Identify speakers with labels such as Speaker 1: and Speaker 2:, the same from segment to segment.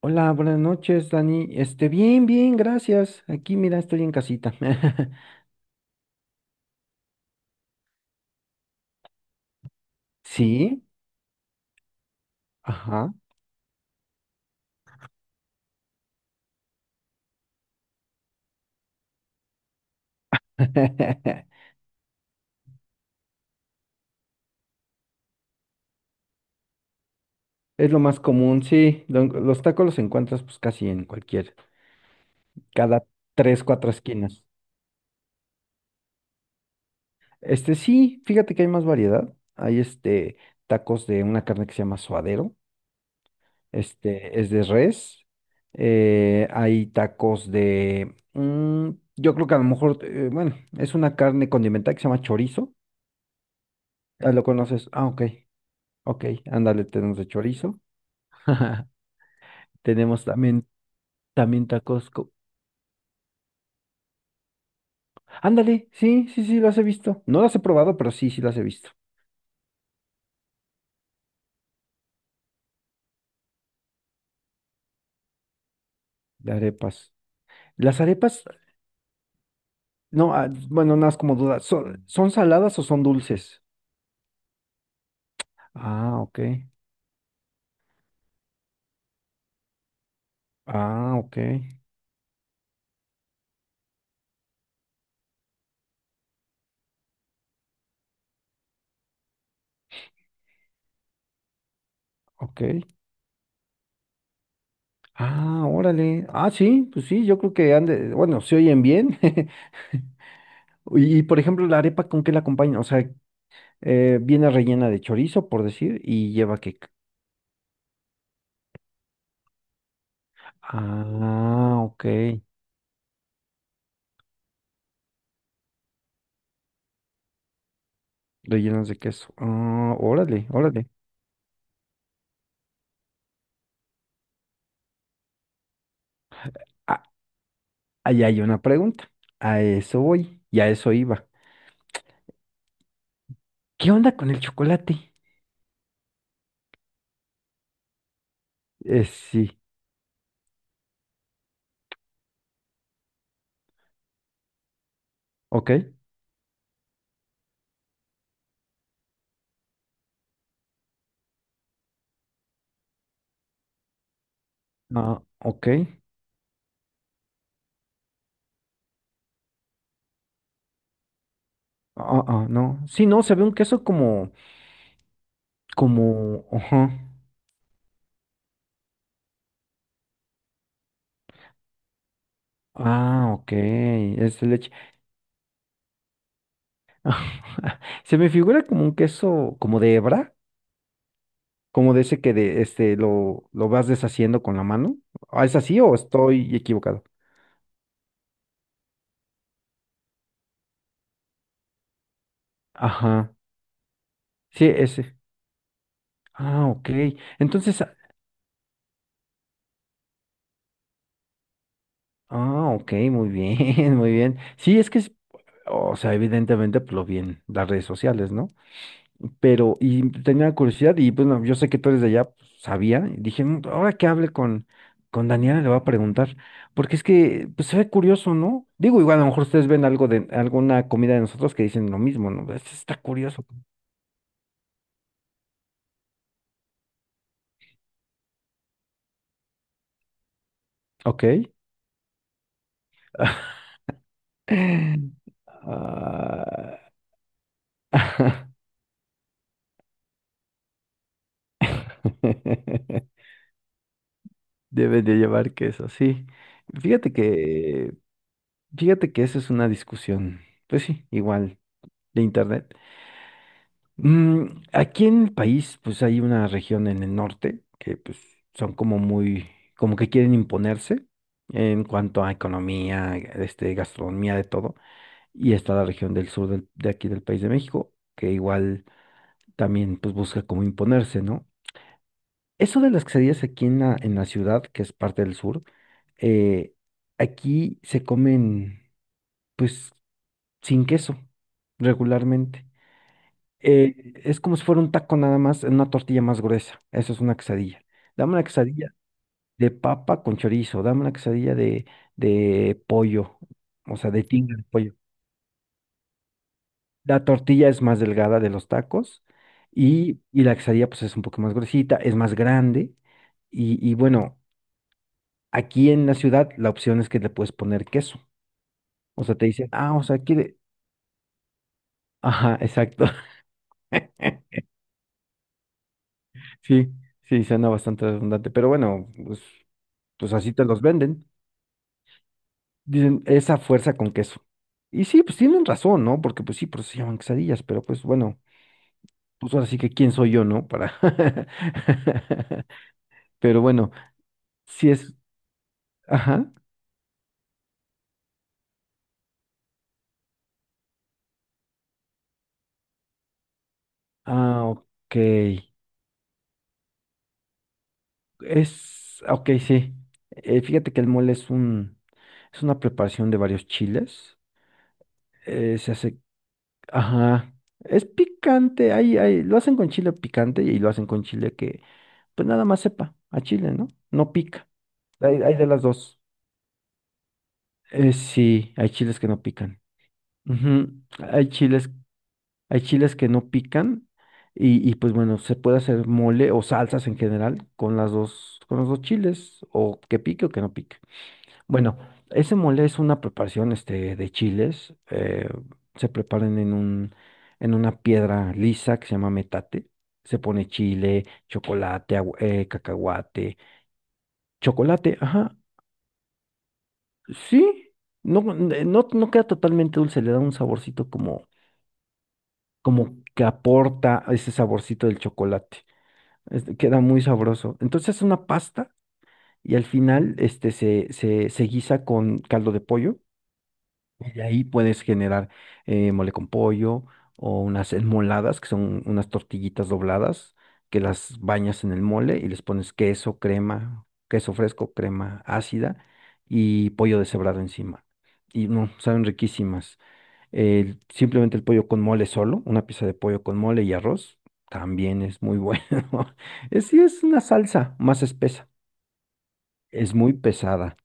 Speaker 1: Hola, buenas noches, Dani. Bien, gracias. Aquí, mira, estoy en casita. Sí, ajá. Es lo más común, sí. Los tacos los encuentras pues casi en cualquier, cada tres, cuatro esquinas. Sí, fíjate que hay más variedad. Hay tacos de una carne que se llama suadero. Es de res. Hay tacos de, yo creo que a lo mejor, bueno, es una carne condimentada que se llama chorizo. Ah, ¿lo conoces? Ah, ok. Ok, ándale, tenemos de chorizo. Tenemos también, también tacos. Ándale, sí, sí, sí, las he visto. No las he probado, pero sí, sí las he visto. De arepas. Las arepas, no, ah, bueno, nada más como duda. ¿Son, son saladas o son dulces? Ah, ok. Ah, ok. Ok. Ah, órale. Ah, sí, pues sí, yo creo que ande, bueno, se oyen bien. Y, por ejemplo, la arepa, ¿con qué la acompaña? O sea, viene rellena de chorizo, por decir, y lleva que ah, ok. Rellenos de queso. Ah, órale, órale. Ah, ahí hay una pregunta. A eso voy. Y a eso iba. ¿Qué onda con el chocolate? Sí. Ok. Ah, ok. Ah, ah, no. Sí, no, se ve un queso como, como, ajá. Ah, ok. Es de leche. Se me figura como un queso, como de hebra, como de ese que de, lo vas deshaciendo con la mano. Ah, ¿es así o estoy equivocado? Ajá. Sí, ese. Ah, ok. Entonces, ah, ah, ok, muy bien, muy bien. Sí, es que, o sea, evidentemente, pues lo vi en las redes sociales, ¿no? Pero, y tenía curiosidad, y bueno, yo sé que tú eres de allá, pues, sabía, y dije, "Mm, ahora que hable con Daniela, le voy a preguntar, porque es que, pues se ve curioso, ¿no? Digo, igual a lo mejor ustedes ven algo de alguna comida de nosotros que dicen lo mismo, ¿no? Esto está curioso". Ok. Ah, debe de llevar queso, sí. Fíjate que, fíjate que eso es una discusión, pues sí, igual, de internet. Mm, aquí en el país, pues hay una región en el norte que pues son como muy, como que quieren imponerse en cuanto a economía, gastronomía, de todo. Y está la región del sur de aquí del país de México, que igual también pues busca como imponerse, ¿no? Eso de las quesadillas aquí en la ciudad, que es parte del sur, eh, aquí se comen pues sin queso regularmente. Eh, es como si fuera un taco nada más, en una tortilla más gruesa. Eso es una quesadilla. Dame una quesadilla de papa con chorizo, dame una quesadilla de pollo, o sea, de tinga de pollo. La tortilla es más delgada de los tacos y la quesadilla pues es un poco más gruesita, es más grande y bueno. Aquí en la ciudad la opción es que le puedes poner queso. O sea, te dicen, ah, o sea, quiere... Ajá, exacto. Sí, sí, suena bastante redundante. Pero bueno, pues, pues así te los venden. Dicen, esa fuerza con queso. Y sí, pues tienen razón, ¿no? Porque pues sí, por eso se llaman quesadillas, pero pues bueno, pues ahora sí que quién soy yo, ¿no? Para... Pero bueno, si es... Ajá. Ah, ok. Es, ah, ok, sí. Fíjate que el mole es un, es una preparación de varios chiles. Se hace, ajá, es picante. Ahí, lo hacen con chile picante y lo hacen con chile que, pues nada más sepa a chile, ¿no? No pica. Hay de las dos. Sí, hay chiles que no pican. Ujú, hay chiles, hay chiles que no pican y pues bueno, se puede hacer mole o salsas en general con las dos, con los dos chiles o que pique o que no pique. Bueno, ese mole es una preparación de chiles. Se preparan en un, en una piedra lisa que se llama metate. Se pone chile, chocolate, cacahuate. Chocolate, ajá. Sí, no, no, no queda totalmente dulce, le da un saborcito como, como que aporta a ese saborcito del chocolate. Queda muy sabroso. Entonces es una pasta y al final se guisa con caldo de pollo. Y ahí puedes generar mole con pollo o unas enmoladas, que son unas tortillitas dobladas, que las bañas en el mole y les pones queso, crema, queso fresco, crema ácida y pollo deshebrado encima. Y no, saben riquísimas. Simplemente el pollo con mole solo, una pieza de pollo con mole y arroz, también es muy bueno. Es, sí, es una salsa más espesa, es muy pesada.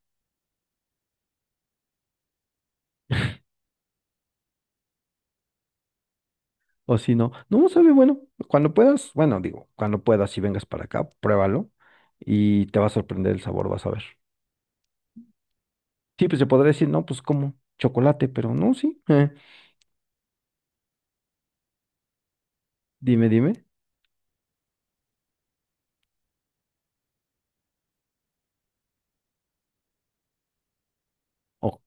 Speaker 1: O si no, no sabe, bueno, cuando puedas, bueno, digo, cuando puedas y vengas para acá, pruébalo y te va a sorprender el sabor, vas a ver. Sí, pues se podría decir, no, pues como chocolate, pero no, sí. Dime, dime. Oh,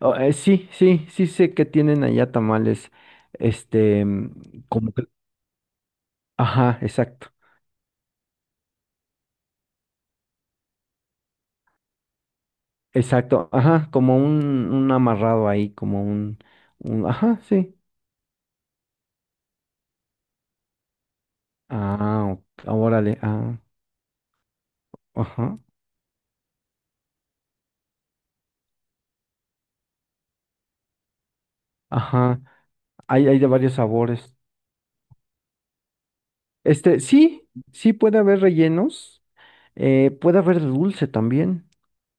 Speaker 1: oh, sí, sí, sí sé que tienen allá tamales, como que, ajá, exacto, exacto, ajá, como un amarrado ahí, como un, ajá, sí. Ah, ok, órale, ah, ajá, ajá. Hay de varios sabores. Sí, sí puede haber rellenos, puede haber de dulce también,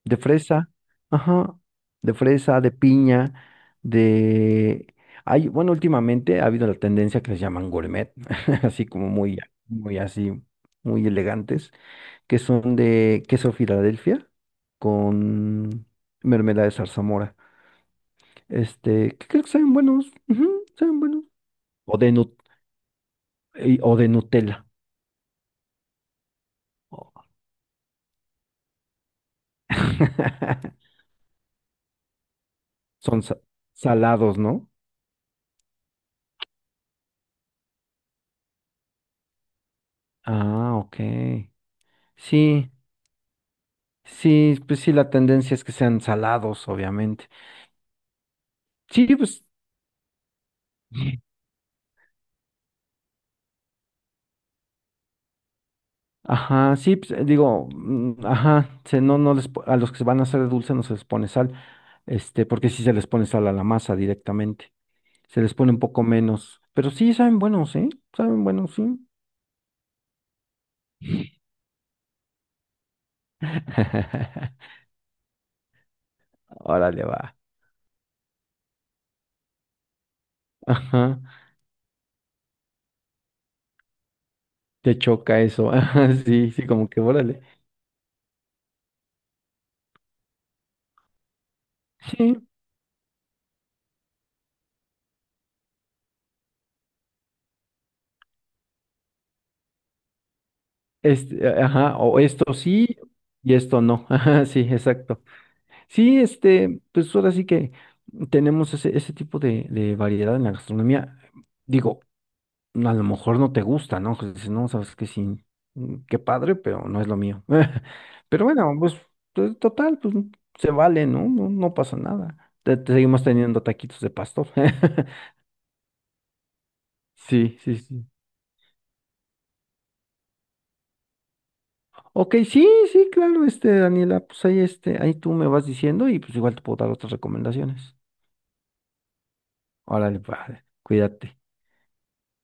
Speaker 1: de fresa, ajá, de fresa, de piña, de... Hay, bueno, últimamente ha habido la tendencia que les llaman gourmet, así como muy, muy así, muy elegantes, que son de queso Filadelfia con mermelada de zarzamora. Que creo que saben buenos, ujú, saben buenos. O de, o de Nutella. Son salados, ¿no? Ah, ok. Sí, sí, pues sí, la tendencia es que sean salados, obviamente. Sí, pues, ajá, sí, pues, digo, ajá, no, a los que se van a hacer de dulce no se les pone sal, porque sí se les pone sal a la masa directamente. Se les pone un poco menos, pero sí saben buenos, ¿eh? Saben buenos, sí. Órale, va. Ajá, te choca eso. Ajá, sí, sí, como que órale. Sí, ajá, o esto sí y esto no. Ajá, sí, exacto. Sí, pues ahora sí que tenemos ese, ese tipo de variedad en la gastronomía. Digo, a lo mejor no te gusta, ¿no? Pues dices, no, sabes que sí, qué padre, pero no es lo mío. Pero bueno, pues total, pues se vale, ¿no? No, no pasa nada. Te seguimos teniendo taquitos de pastor. Sí, sí, sí. Ok, sí, sí, claro, Daniela, pues ahí, ahí tú me vas diciendo y pues igual te puedo dar otras recomendaciones. Órale, padre, cuídate.